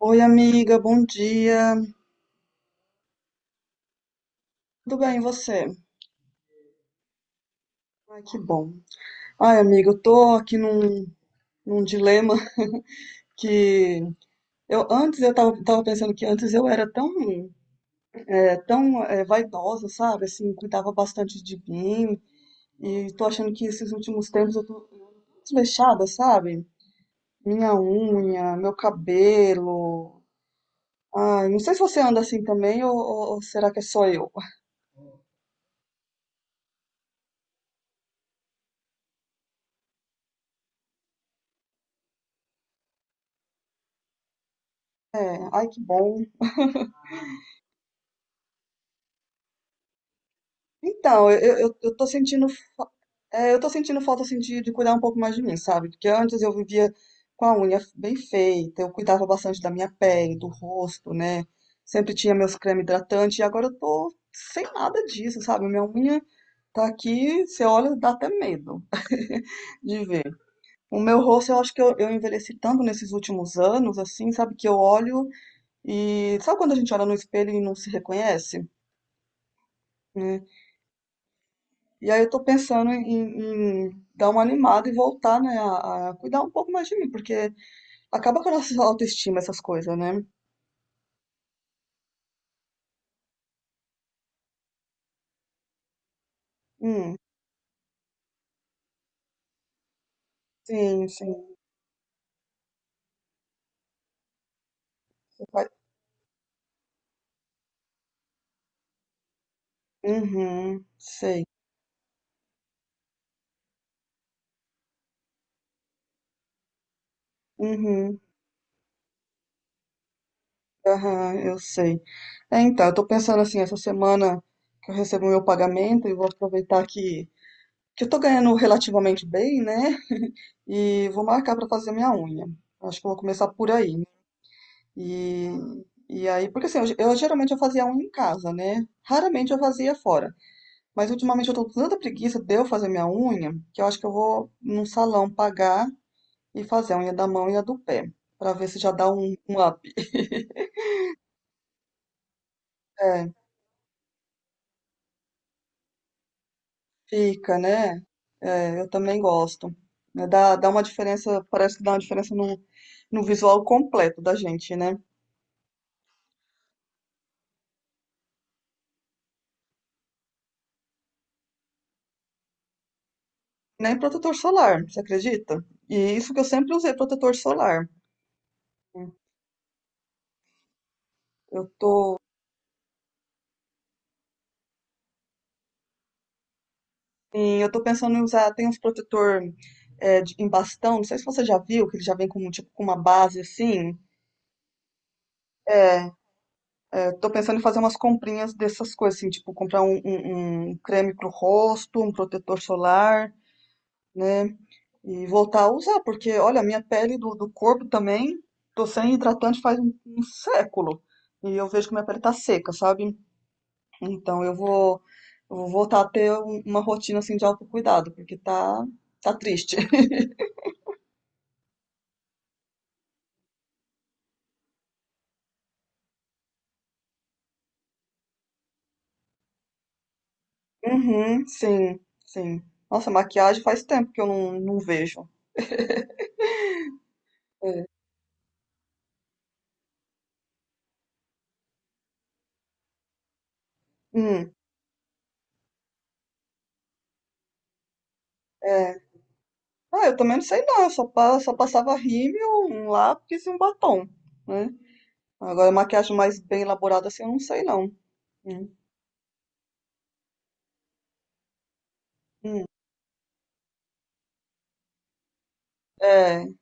Oi, amiga, bom dia. Tudo bem, e você? Ai, que bom. Ai, amiga, eu tô aqui num dilema que eu antes eu tava pensando que antes eu era tão vaidosa, sabe? Assim, cuidava bastante de mim e tô achando que esses últimos tempos eu tô desleixada, sabe? Minha unha, meu cabelo. Ai, não sei se você anda assim também ou será que é só eu? É, ai, que bom. Então, eu tô sentindo falta assim, de cuidar um pouco mais de mim, sabe? Porque antes eu vivia com a unha bem feita, eu cuidava bastante da minha pele, do rosto, né? Sempre tinha meus cremes hidratantes e agora eu tô sem nada disso, sabe? Minha unha tá aqui, você olha, dá até medo de ver. O meu rosto, eu acho que eu envelheci tanto nesses últimos anos, assim, sabe? Que eu olho. Sabe quando a gente olha no espelho e não se reconhece? Né? E aí eu tô pensando em dar uma animada e voltar, né, a cuidar um pouco mais de mim, porque acaba com a nossa autoestima essas coisas, né? Hum, sim, sim. você faz- Uhum, sei. Uhum, aham, eu sei. É, então, eu tô pensando assim, essa semana que eu recebo o meu pagamento e vou aproveitar que eu tô ganhando relativamente bem, né? E vou marcar pra fazer minha unha. Acho que eu vou começar por aí. E, e aí, porque assim, eu geralmente eu fazia unha em casa, né? Raramente eu fazia fora. Mas ultimamente eu tô com tanta preguiça de eu fazer minha unha, que eu acho que eu vou num salão pagar e fazer a unha da mão e a do pé, pra ver se já dá um up. É, fica, né? É, eu também gosto. Né? Dá uma diferença, parece que dá uma diferença no visual completo da gente, né? Nem protetor solar, você acredita? E isso que eu sempre usei protetor solar. Eu Sim, eu tô pensando em usar, tem uns protetor em bastão, não sei se você já viu, que ele já vem com, tipo, com uma base assim. É, é, tô pensando em fazer umas comprinhas dessas coisas, assim, tipo, comprar um creme pro rosto, um protetor solar, né? E voltar a usar, porque, olha, a minha pele do corpo também, tô sem hidratante faz um século. E eu vejo que minha pele tá seca, sabe? Então eu vou voltar a ter uma rotina, assim, de autocuidado, porque tá triste. Uhum, sim, sim. Nossa, maquiagem faz tempo que eu não, não vejo. Hum, é. Ah, eu também não sei não, eu só, só passava rímel, um lápis e um batom, né? Agora, maquiagem mais bem elaborada assim, eu não sei não. Hum, hum. É,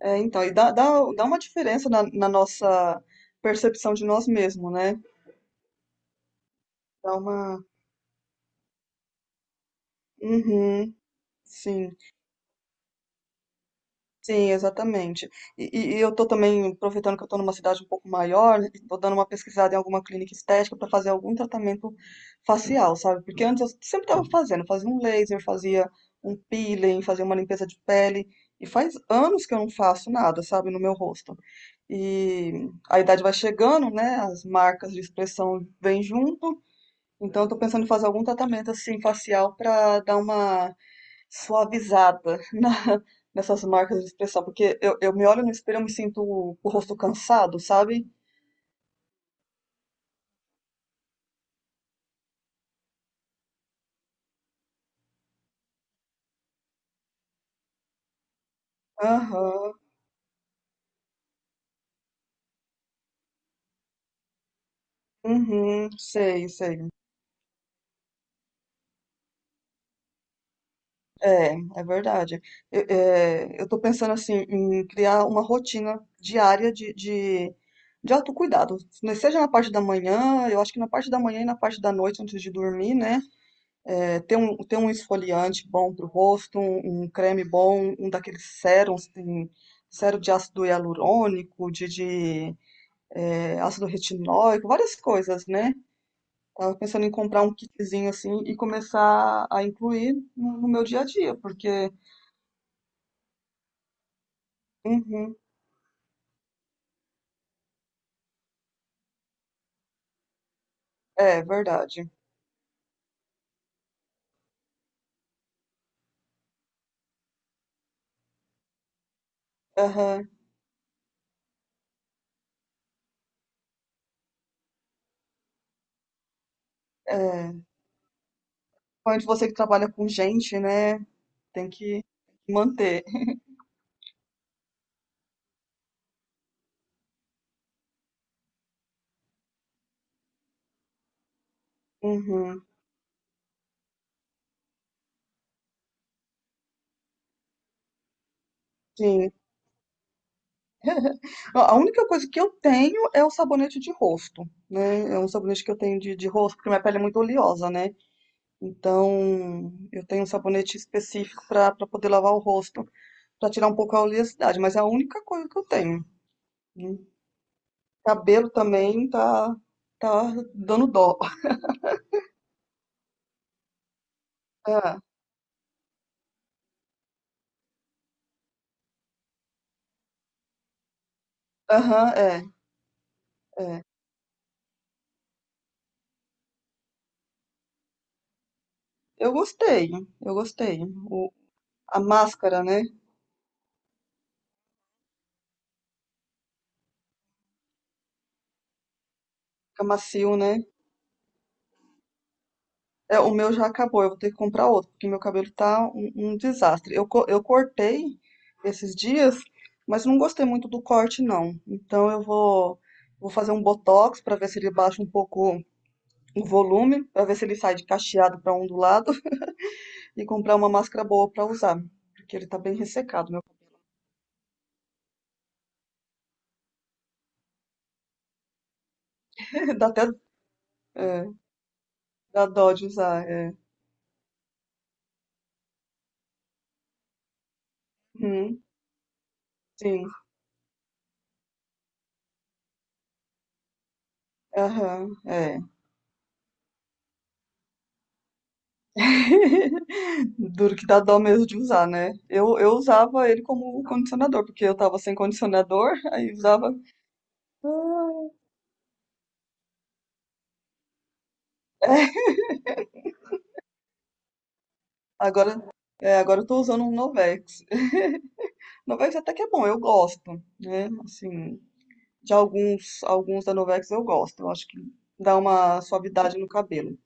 é, então, e dá uma diferença na nossa percepção de nós mesmos, né? Dá uma... Uhum, sim. Sim, exatamente. E eu tô também aproveitando que eu tô numa cidade um pouco maior, e tô dando uma pesquisada em alguma clínica estética para fazer algum tratamento facial, sabe? Porque antes eu sempre fazia um laser, fazia um peeling, fazia uma limpeza de pele, e faz anos que eu não faço nada, sabe, no meu rosto. E a idade vai chegando, né? As marcas de expressão vêm junto. Então, eu tô pensando em fazer algum tratamento assim facial para dar uma suavizada nessas marcas de expressão, porque eu me olho no espelho e eu me sinto o rosto cansado, sabe? Aham, uhum, sei, sei. É, é verdade. Eu tô pensando assim em criar uma rotina diária de autocuidado, né, seja na parte da manhã, eu acho que na parte da manhã e na parte da noite antes de dormir, né? Ter um esfoliante bom para o rosto, um creme bom, um daqueles sérums, tem sérum de ácido hialurônico, de ácido retinóico, várias coisas, né? Tava pensando em comprar um kitzinho assim e começar a incluir no meu dia a dia, porque. Uhum, é verdade. Aham, é, principalmente você que trabalha com gente, né? Tem que manter. Uhum, sim. A única coisa que eu tenho é o sabonete de rosto, né? É um sabonete que eu tenho de rosto, porque minha pele é muito oleosa, né? Então, eu tenho um sabonete específico para poder lavar o rosto, para tirar um pouco a oleosidade, mas é a única coisa que eu tenho. Né? Cabelo também tá dando dó. Ah, aham, é, é. Eu gostei, eu gostei. O, a máscara, né? Fica macio, né? É, o meu já acabou, eu vou ter que comprar outro, porque meu cabelo tá um desastre. Eu cortei esses dias, mas não gostei muito do corte, não. Então eu vou fazer um botox para ver se ele baixa um pouco o volume, para ver se ele sai de cacheado para ondulado e comprar uma máscara boa para usar, porque ele tá bem ressecado, meu. Dá até é, dá dó de usar, é. Uhum, sim, aham, é. Duro que dá dó mesmo de usar, né? Eu usava ele como condicionador, porque eu tava sem condicionador, aí usava. Ah, é, Agora, agora eu tô usando um Novex. Novex até que é bom, eu gosto, né? Assim, de alguns da Novex eu gosto. Eu acho que dá uma suavidade no cabelo.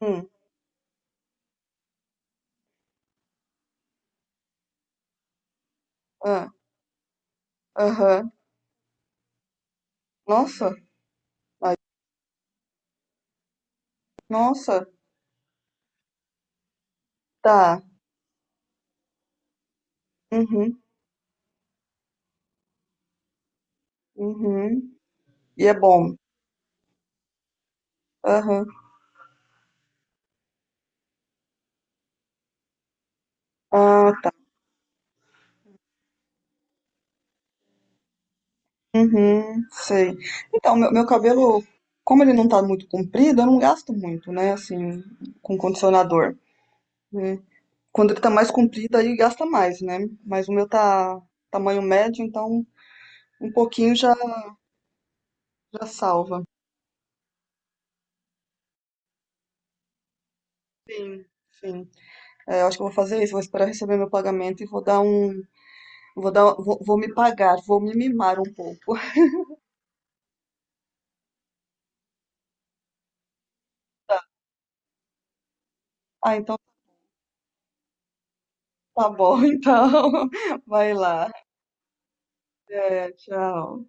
Hum, ah, aham. Nossa, nossa, tá. Uhum, uhum. E é bom. Aham. Ah, uhum, sei. Então, meu cabelo, como ele não tá muito comprido, eu não gasto muito, né? Assim, com condicionador. Né? Quando ele tá mais comprido, aí gasta mais, né? Mas o meu tá tamanho médio, então um pouquinho já, já salva. Sim, sim. É, eu acho que eu vou fazer isso, vou esperar receber meu pagamento e vou dar um. Vou me pagar, vou me mimar um pouco. Ah, então tá bom, então. Vai lá. É, tchau.